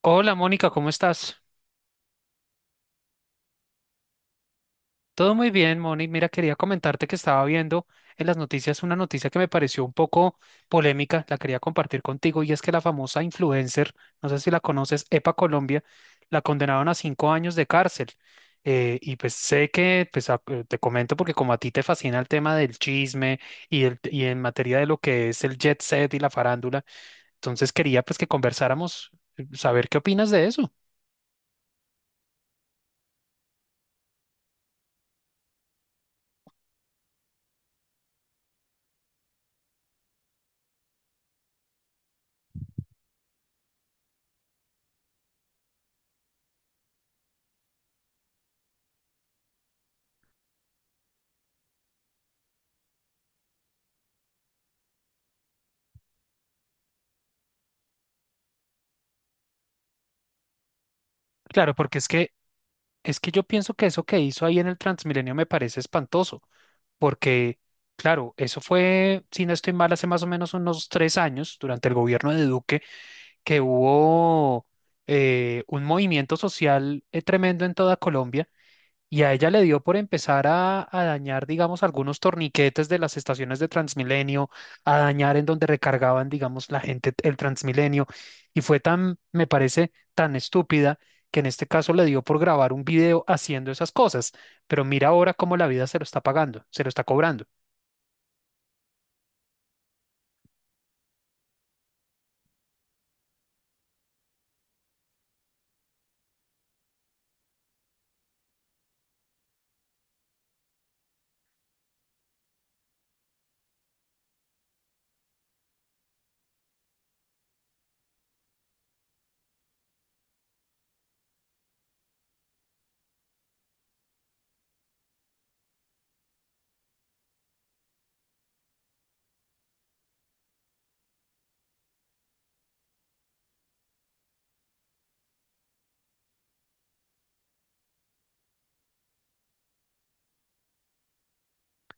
Hola Mónica, ¿cómo estás? Todo muy bien, Moni. Mira, quería comentarte que estaba viendo en las noticias una noticia que me pareció un poco polémica, la quería compartir contigo, y es que la famosa influencer, no sé si la conoces, Epa Colombia, la condenaron a cinco años de cárcel. Y pues sé que, pues te comento porque como a ti te fascina el tema del chisme y, y en materia de lo que es el jet set y la farándula, entonces quería pues que conversáramos, saber qué opinas de eso. Claro, porque es que Es que yo pienso que eso que hizo ahí en el Transmilenio me parece espantoso, porque, claro, eso fue, si no estoy mal, hace más o menos unos tres años, durante el gobierno de Duque, que hubo un movimiento social tremendo en toda Colombia. Y a ella le dio por empezar a dañar, digamos, algunos torniquetes de las estaciones de Transmilenio, a dañar en donde recargaban, digamos, la gente el Transmilenio. Y fue tan, me parece, tan estúpida que en este caso le dio por grabar un video haciendo esas cosas. Pero mira ahora cómo la vida se lo está pagando, se lo está cobrando.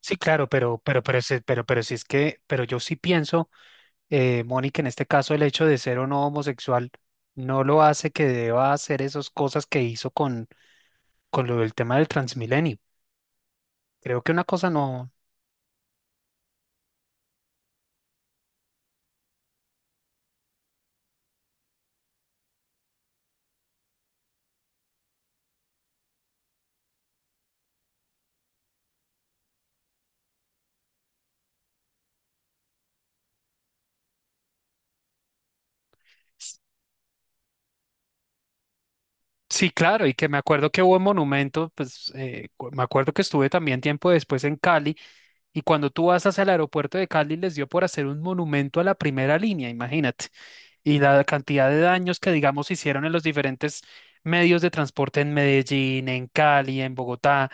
Sí, claro, pero, si es que, pero yo sí pienso, Mónica, en este caso el hecho de ser o no homosexual no lo hace que deba hacer esas cosas que hizo con lo del tema del Transmilenio. Creo que una cosa no. Sí, claro, y que me acuerdo que hubo un monumento, pues me acuerdo que estuve también tiempo después en Cali, y cuando tú vas hacia el aeropuerto de Cali les dio por hacer un monumento a la primera línea, imagínate, y la cantidad de daños que, digamos, hicieron en los diferentes medios de transporte en Medellín, en Cali, en Bogotá,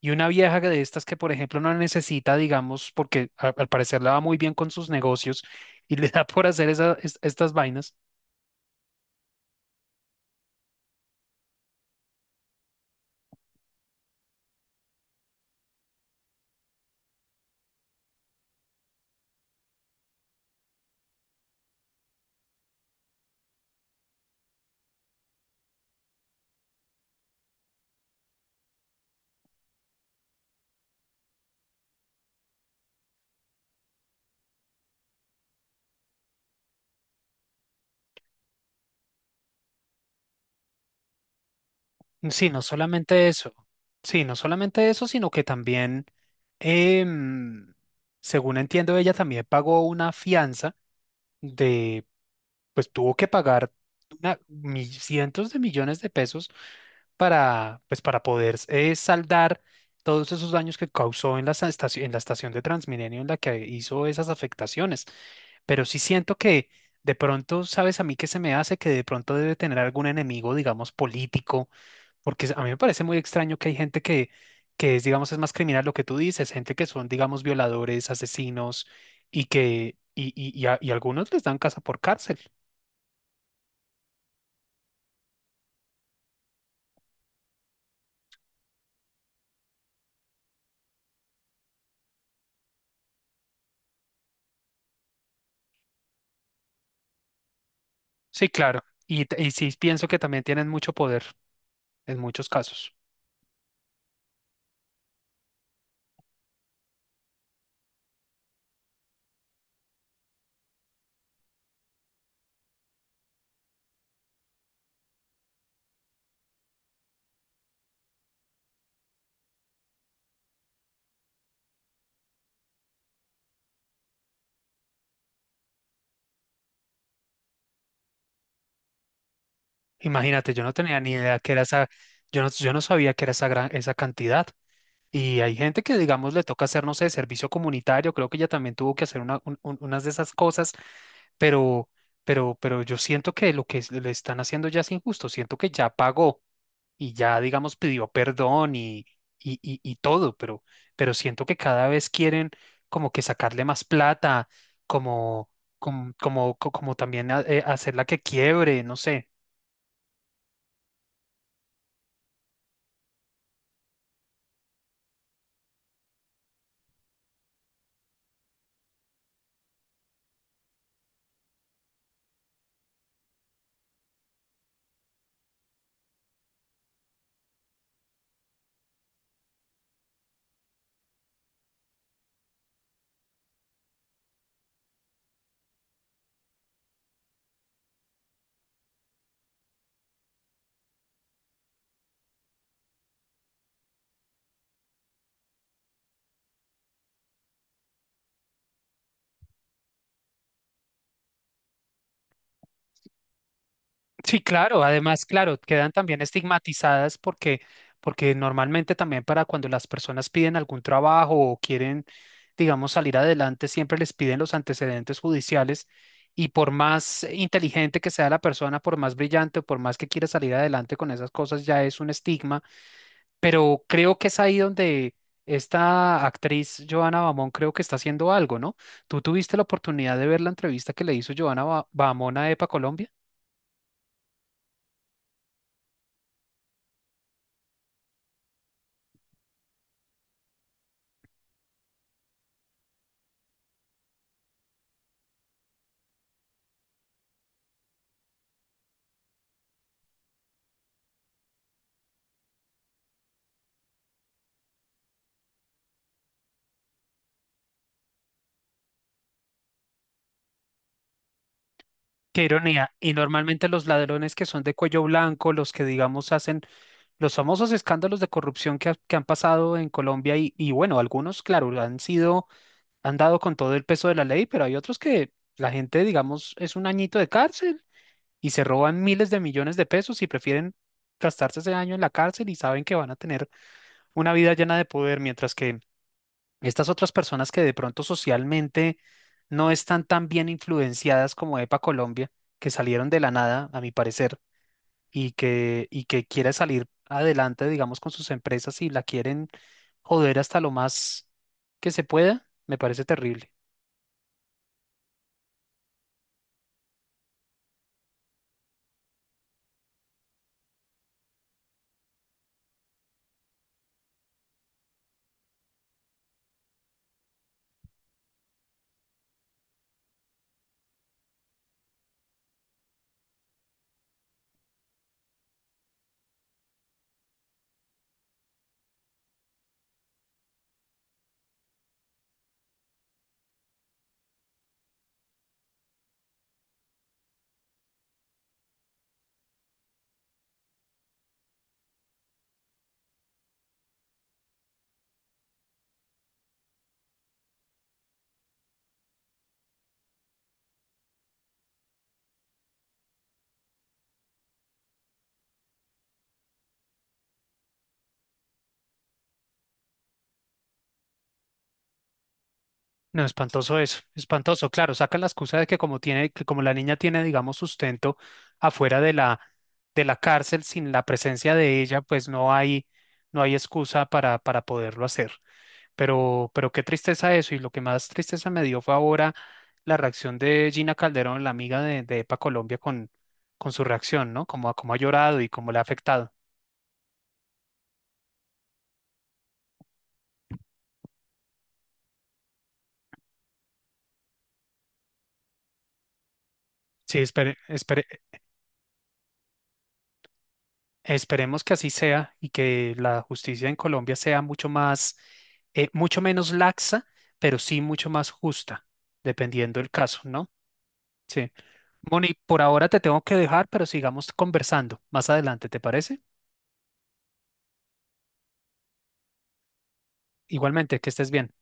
y una vieja que de estas que, por ejemplo, no necesita, digamos, porque al parecer la va muy bien con sus negocios, y le da por hacer estas vainas. Sí, no solamente eso. Sí, no solamente eso, sino que también, em, según entiendo, ella también pagó una fianza de, pues tuvo que pagar una, cientos de millones de pesos para, pues, para poder saldar todos esos daños que causó en la estación de Transmilenio en la que hizo esas afectaciones. Pero sí siento que de pronto, ¿sabes a mí qué se me hace? Que de pronto debe tener algún enemigo, digamos, político porque a mí me parece muy extraño que hay gente que es, digamos, es más criminal lo que tú dices, gente que son, digamos, violadores, asesinos y que, y algunos les dan casa por cárcel. Sí, claro. Y sí pienso que también tienen mucho poder en muchos casos. Imagínate, yo no tenía ni idea que era esa, yo no sabía que era esa gran, esa cantidad. Y hay gente que, digamos, le toca hacer, no sé, servicio comunitario, creo que ella también tuvo que hacer una, unas de esas cosas pero, pero yo siento que lo que le están haciendo ya es injusto, siento que ya pagó y ya, digamos, pidió perdón y, y todo, pero siento que cada vez quieren como que sacarle más plata, como, como también hacerla que quiebre, no sé. Sí, claro, además, claro, quedan también estigmatizadas porque, porque normalmente también para cuando las personas piden algún trabajo o quieren, digamos, salir adelante, siempre les piden los antecedentes judiciales y por más inteligente que sea la persona, por más brillante o por más que quiera salir adelante con esas cosas, ya es un estigma, pero creo que es ahí donde esta actriz Joana Bamón creo que está haciendo algo, ¿no? ¿Tú tuviste la oportunidad de ver la entrevista que le hizo Joana Bamón a EPA Colombia? Qué ironía. Y normalmente los ladrones que son de cuello blanco, los que digamos hacen los famosos escándalos de corrupción que, que han pasado en Colombia y bueno, algunos, claro, han sido, han dado con todo el peso de la ley, pero hay otros que la gente, digamos, es un añito de cárcel y se roban miles de millones de pesos y prefieren gastarse ese año en la cárcel y saben que van a tener una vida llena de poder, mientras que estas otras personas que de pronto socialmente no están tan bien influenciadas como EPA Colombia, que salieron de la nada, a mi parecer, y que quiere salir adelante, digamos, con sus empresas y la quieren joder hasta lo más que se pueda, me parece terrible. No, espantoso eso, espantoso. Claro, sacan la excusa de que como tiene, que como la niña tiene, digamos, sustento afuera de la cárcel sin la presencia de ella, pues no hay, no hay excusa para poderlo hacer. Pero qué tristeza eso. Y lo que más tristeza me dio fue ahora la reacción de Gina Calderón, la amiga de EPA Colombia, con su reacción, ¿no? Como, como ha llorado y cómo le ha afectado. Sí, espere, esperemos. Esperemos que así sea y que la justicia en Colombia sea mucho más, mucho menos laxa, pero sí mucho más justa, dependiendo del caso, ¿no? Sí. Moni, por ahora te tengo que dejar, pero sigamos conversando más adelante, ¿te parece? Igualmente, que estés bien.